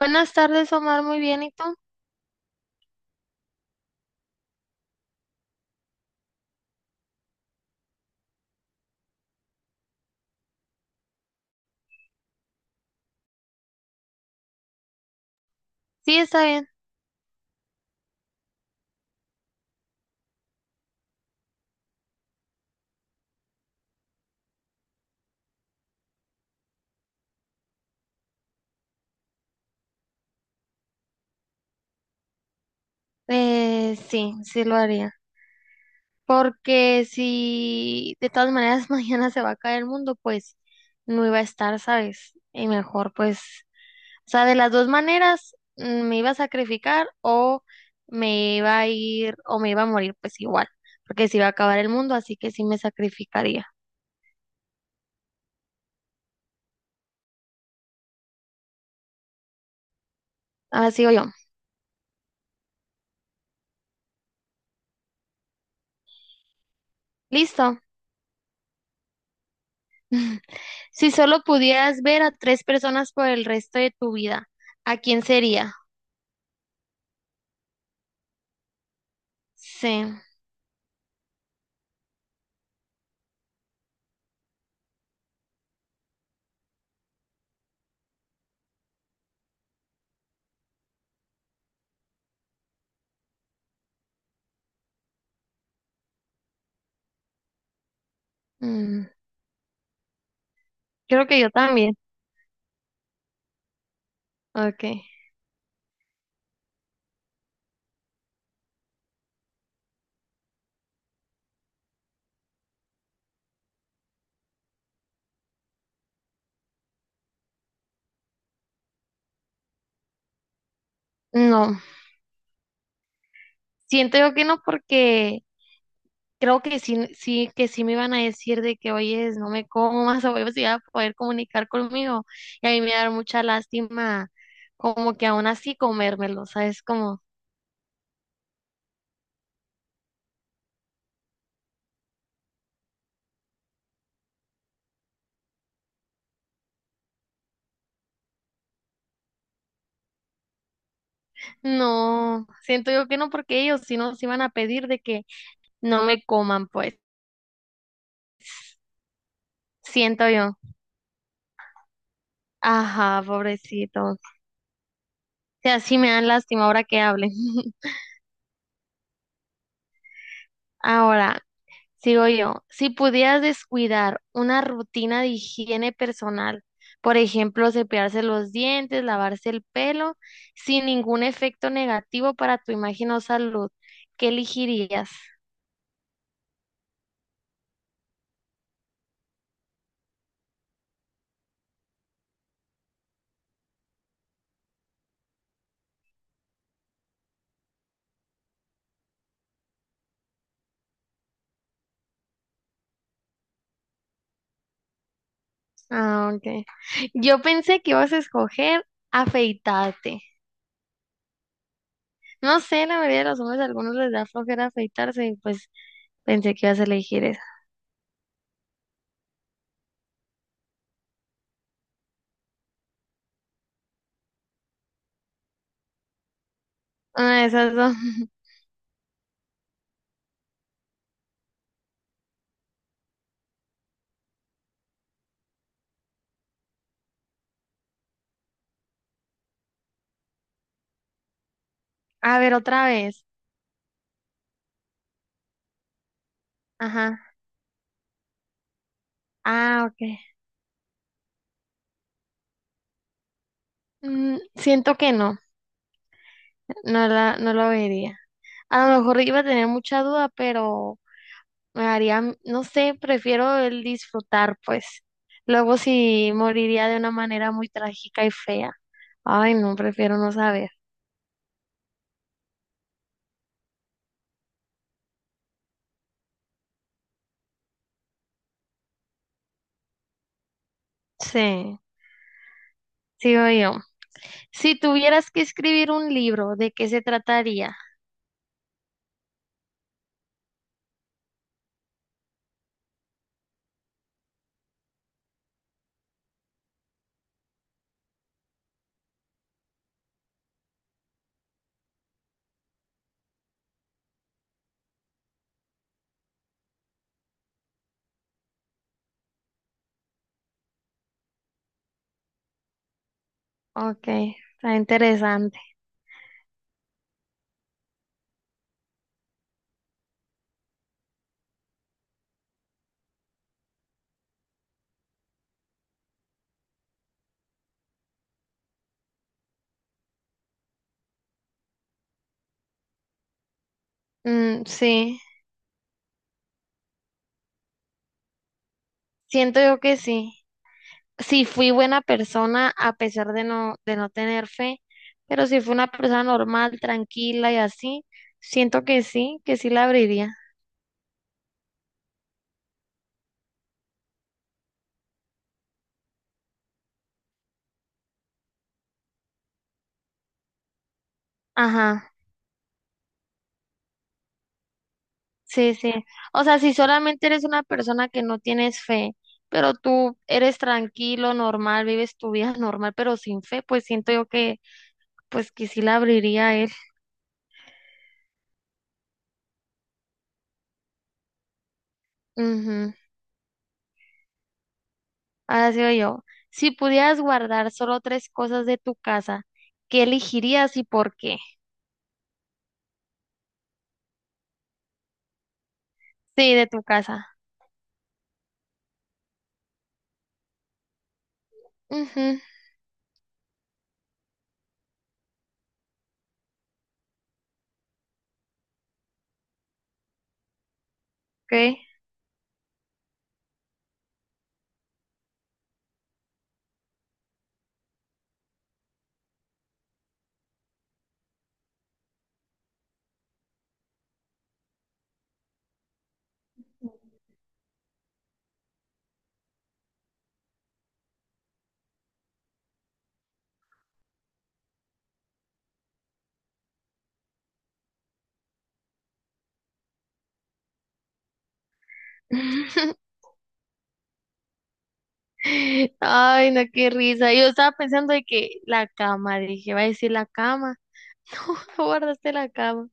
Buenas tardes, Omar. Muy bien, ¿y tú? Sí, está bien. Sí, sí lo haría. Porque si de todas maneras mañana se va a caer el mundo, pues no iba a estar, ¿sabes? Y mejor, pues, o sea, de las dos maneras, me iba a sacrificar o me iba a ir o me iba a morir, pues igual, porque se iba a acabar el mundo, así que sí me sacrificaría. Ahora sigo yo. Listo. Si solo pudieras ver a tres personas por el resto de tu vida, ¿a quién sería? Sí, mm, creo que yo también. Okay. No, siento yo que no porque creo que sí, sí, que sí me iban a decir de que, oye, no me comas o si iba a poder comunicar conmigo. Y a mí me da mucha lástima como que aún así comérmelo, ¿sabes? Como, no, siento yo que no porque ellos si no nos iban a pedir de que no me coman, pues, siento yo. Ajá, pobrecito. O sea, sí me dan lástima ahora que hablen. Ahora. Sigo yo. Si pudieras descuidar una rutina de higiene personal, por ejemplo, cepillarse los dientes, lavarse el pelo, sin ningún efecto negativo para tu imagen o salud, ¿qué elegirías? Ah, ok. Yo pensé que ibas a escoger afeitarte. No sé, la mayoría de los hombres, a algunos les da flojera afeitarse y pues pensé que ibas a elegir esa. Ah, esas dos. A ver, otra vez. Ajá. Ah, ok. Mm, siento que no. No lo vería. A lo mejor iba a tener mucha duda, pero me haría, no sé, prefiero el disfrutar, pues. Luego sí moriría de una manera muy trágica y fea. Ay, no, prefiero no saber. Sí, sigo yo. Si tuvieras que escribir un libro, ¿de qué se trataría? Ok, está interesante. Sí, siento yo que sí. Sí fui buena persona a pesar de no tener fe, pero si fui una persona normal, tranquila y así, siento que sí la abriría. Ajá, sí, sí. O sea, si solamente eres una persona que no tienes fe, pero tú eres tranquilo, normal, vives tu vida normal, pero sin fe, pues siento yo que, pues que sí la abriría a él. Ujú. Ahora sigo yo. Si pudieras guardar solo tres cosas de tu casa, ¿qué elegirías y por qué? Sí, de tu casa. Ujú. Ok. Ay, no, qué risa. Yo estaba pensando de que la cama, dije, va a decir la cama. Guardaste la cama.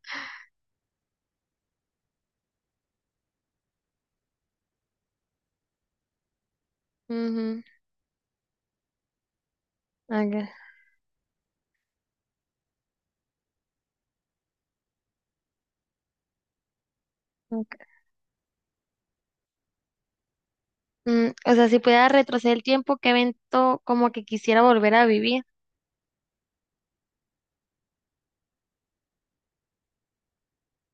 Ujú, ok, ok. Mm, o sea, si pudiera retroceder el tiempo, qué evento como que quisiera volver a vivir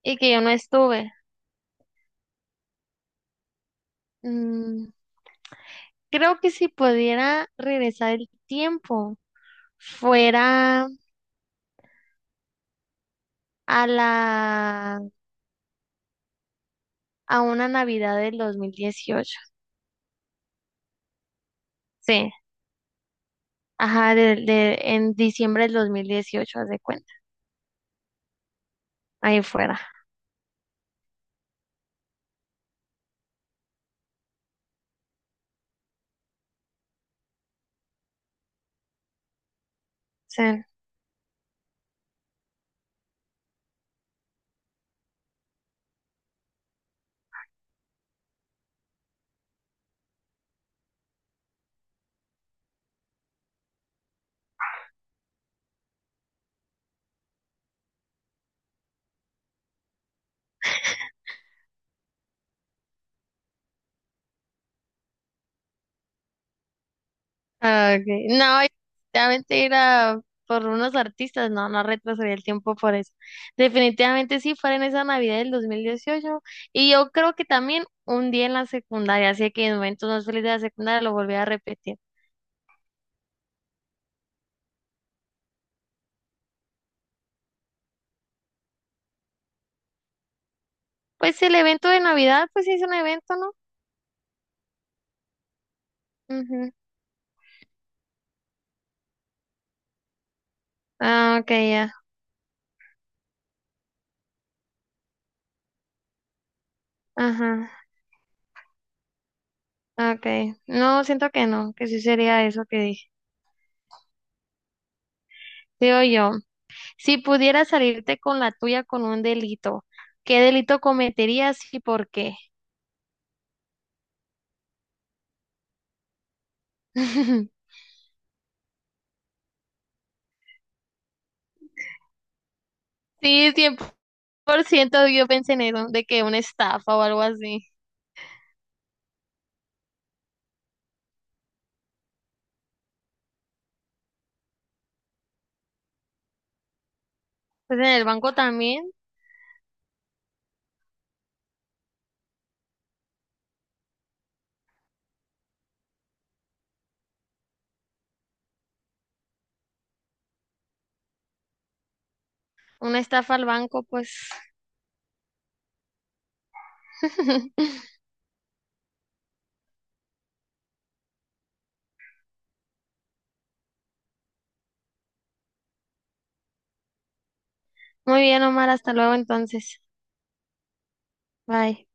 y que yo no estuve. Mm, creo que si pudiera regresar el tiempo, fuera a la a una Navidad del 2018. Sí, ajá, en diciembre del 2018 haz de cuenta. Ahí fuera. Sí. Ah, okay. No, yo definitivamente ir a por unos artistas, no, no retrasaría el tiempo por eso. Definitivamente sí, fuera en esa Navidad del 2018. Y yo creo que también un día en la secundaria, así que en momentos más felices de la secundaria lo volví a repetir. Pues el evento de Navidad, pues sí es un evento, ¿no? Ujú. Ah, ok, ya. Ajá, ok. No, siento que no, que sí sería eso que dije. Digo yo. Si pudieras salirte con la tuya con un delito, ¿qué delito cometerías y por qué? Sí, 100% yo pensé en eso, de que una estafa o algo así. Pues en el banco también, una estafa al banco, pues. Muy bien, Omar, hasta luego entonces. Bye.